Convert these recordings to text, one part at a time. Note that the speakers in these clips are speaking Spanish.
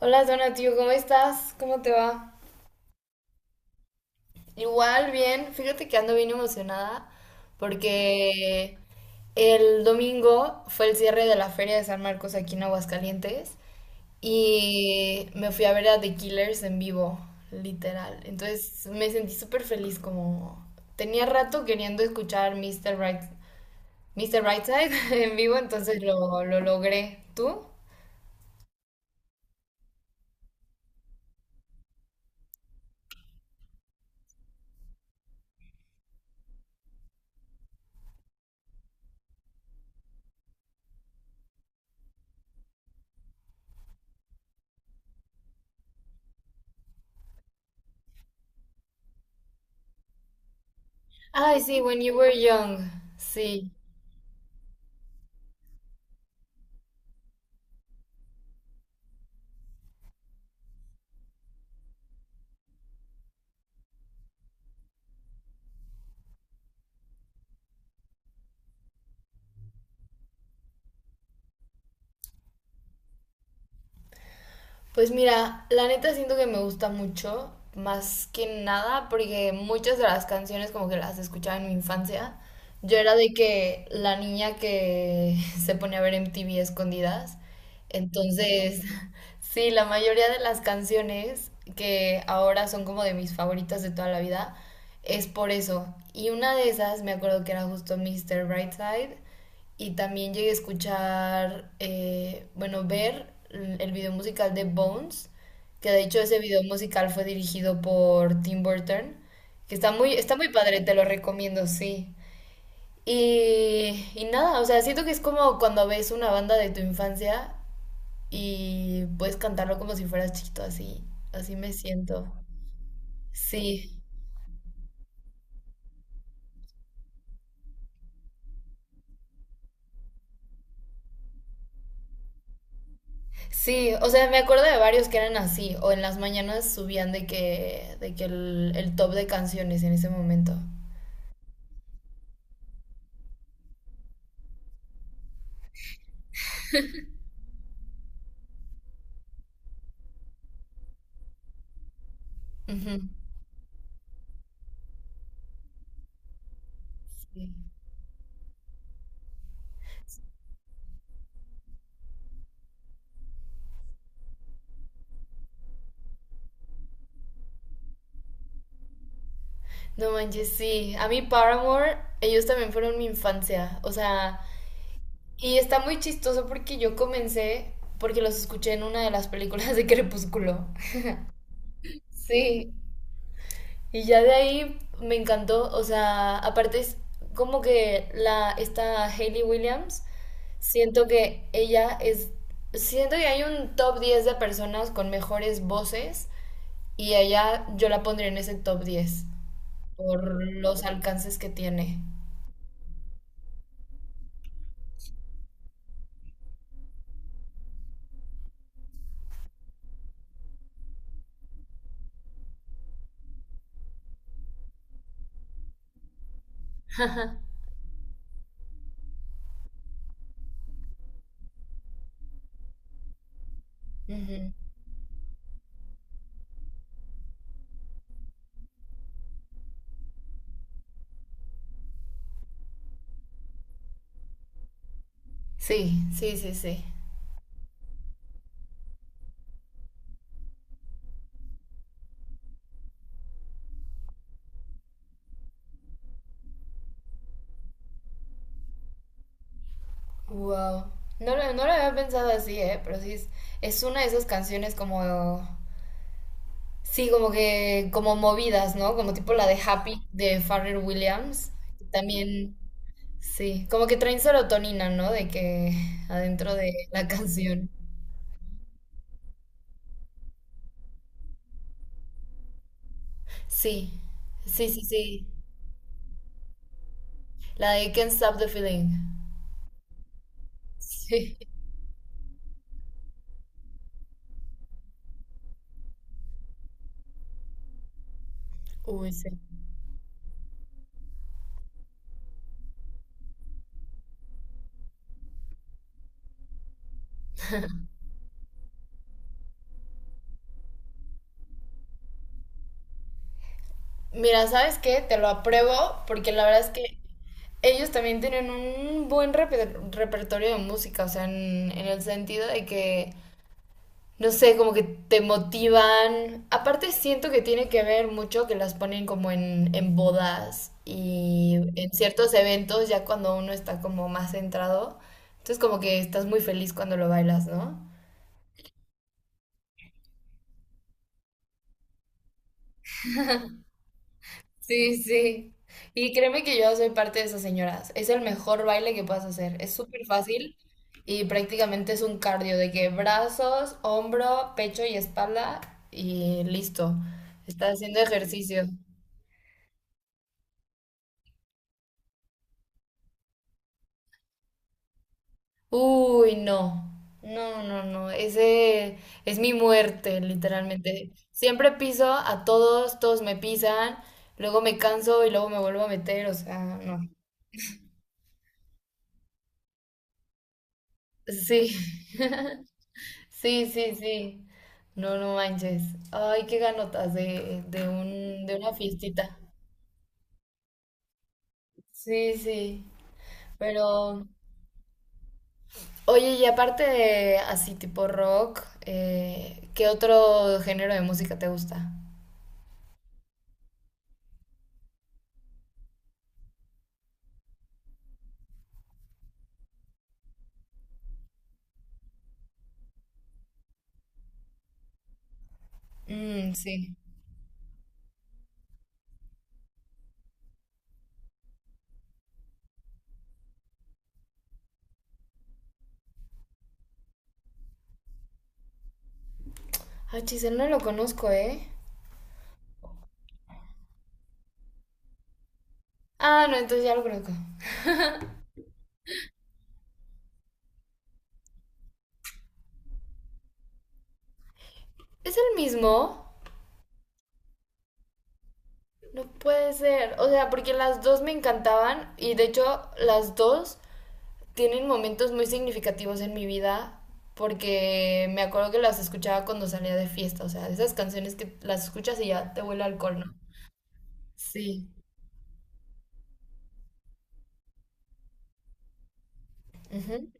Hola Donatio, ¿cómo estás? ¿Cómo te va? Igual, bien. Fíjate que ando bien emocionada porque el domingo fue el cierre de la Feria de San Marcos aquí en Aguascalientes y me fui a ver a The Killers en vivo, literal. Entonces me sentí súper feliz como tenía rato queriendo escuchar Mr. Right, Mr. Brightside en vivo, entonces lo logré. ¿Tú? Ay, sí, When You Were Young. Sí. Pues mira, la neta siento que me gusta mucho, más que nada, porque muchas de las canciones como que las escuchaba en mi infancia. Yo era de que la niña que se pone a ver MTV escondidas. Entonces, sí, la mayoría de las canciones que ahora son como de mis favoritas de toda la vida es por eso. Y una de esas me acuerdo que era justo Mr. Brightside. Y también llegué a escuchar, bueno, ver el video musical de Bones, que de hecho ese video musical fue dirigido por Tim Burton, que está muy padre, te lo recomiendo, sí. Y nada, o sea, siento que es como cuando ves una banda de tu infancia y puedes cantarlo como si fueras chiquito, así, así me siento. Sí. Sí, o sea, me acuerdo de varios que eran así, o en las mañanas subían de que el top de canciones en ese momento. Ujú, sí. No manches, sí. A mí Paramore, ellos también fueron mi infancia. O sea, y está muy chistoso porque yo comencé porque los escuché en una de las películas de Crepúsculo. Sí. Y ya de ahí me encantó, o sea, aparte es como que la, esta Hayley Williams, siento que ella es, siento que hay un top 10 de personas con mejores voces y ella yo la pondría en ese top 10 por los alcances que tiene. Ujú. Sí, sí, sí, sí. Wow. No, no lo había pensado así, ¿eh? Pero sí, es una de esas canciones como. Sí, como movidas, ¿no? Como tipo la de Happy de Pharrell Williams. También, sí, como que traen serotonina, ¿no? De que adentro de la canción. Sí, sí, sí, sí. La de Can't Stop the Feeling. Sí, uy, sí. Mira, ¿sabes qué? Te lo apruebo porque la verdad es que ellos también tienen un buen repertorio de música, o sea, en el sentido de que no sé, como que te motivan. Aparte siento que tiene que ver mucho que las ponen como en bodas y en ciertos eventos, ya cuando uno está como más centrado. Entonces como que estás muy feliz cuando lo bailas, ¿no? Sí, sí. Y créeme que yo soy parte de esas señoras. Es el mejor baile que puedas hacer. Es súper fácil y prácticamente es un cardio de que brazos, hombro, pecho y espalda y listo. Estás haciendo ejercicio. Uy, no. No, no, no. Ese es mi muerte, literalmente. Siempre piso a todos, todos me pisan, luego me canso y luego me vuelvo a meter, o sea, no. Sí. Sí, sí, sí. No, no manches. Ay, qué ganotas de una fiestita. Sí, sí. Pero, oye, y aparte de así tipo rock, ¿qué otro género de música te gusta? Mm, sí. Ah, Chisel, no lo conozco, ¿eh? Ah, no, entonces ya lo conozco. ¿Es el mismo? No puede ser. O sea, porque las dos me encantaban y de hecho las dos tienen momentos muy significativos en mi vida porque me acuerdo que las escuchaba cuando salía de fiesta. O sea, esas canciones que las escuchas y ya te huele a alcohol, ¿no? Sí. Ujú.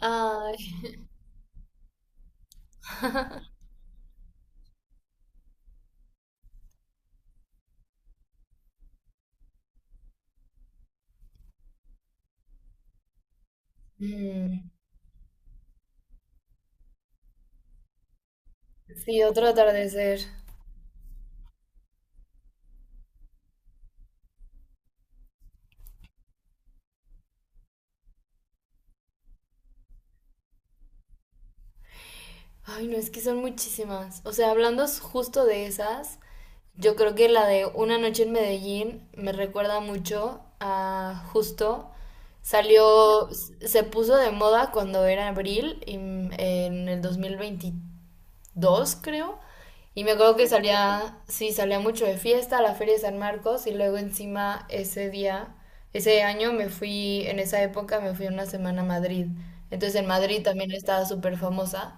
Ay. Mm, sí, otro atardecer. Ay, no, es que son muchísimas. O sea, hablando justo de esas, yo creo que la de Una noche en Medellín me recuerda mucho a justo. Se puso de moda cuando era abril y en el 2022 creo. Y me acuerdo que salía, sí, salía mucho de fiesta a la Feria de San Marcos y luego encima ese día, ese año me fui, en esa época me fui una semana a Madrid. Entonces en Madrid también estaba súper famosa.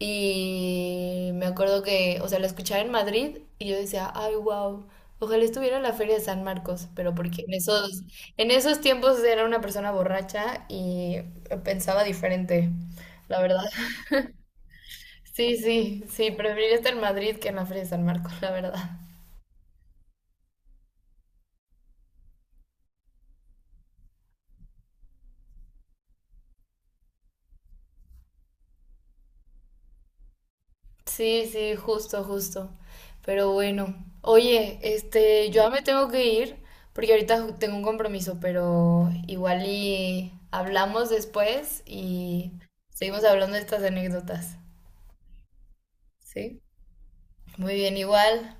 Y me acuerdo que, o sea, la escuchaba en Madrid y yo decía, ay, wow, ojalá estuviera en la Feria de San Marcos, pero porque en esos tiempos era una persona borracha y pensaba diferente, la verdad. Sí, sí, sí, preferiría estar en Madrid que en la Feria de San Marcos, la verdad. Sí, sí, justo, justo. Pero bueno, oye, este, yo ya me tengo que ir porque ahorita tengo un compromiso, pero igual y hablamos después y seguimos hablando de estas anécdotas. ¿Sí? Muy bien, igual.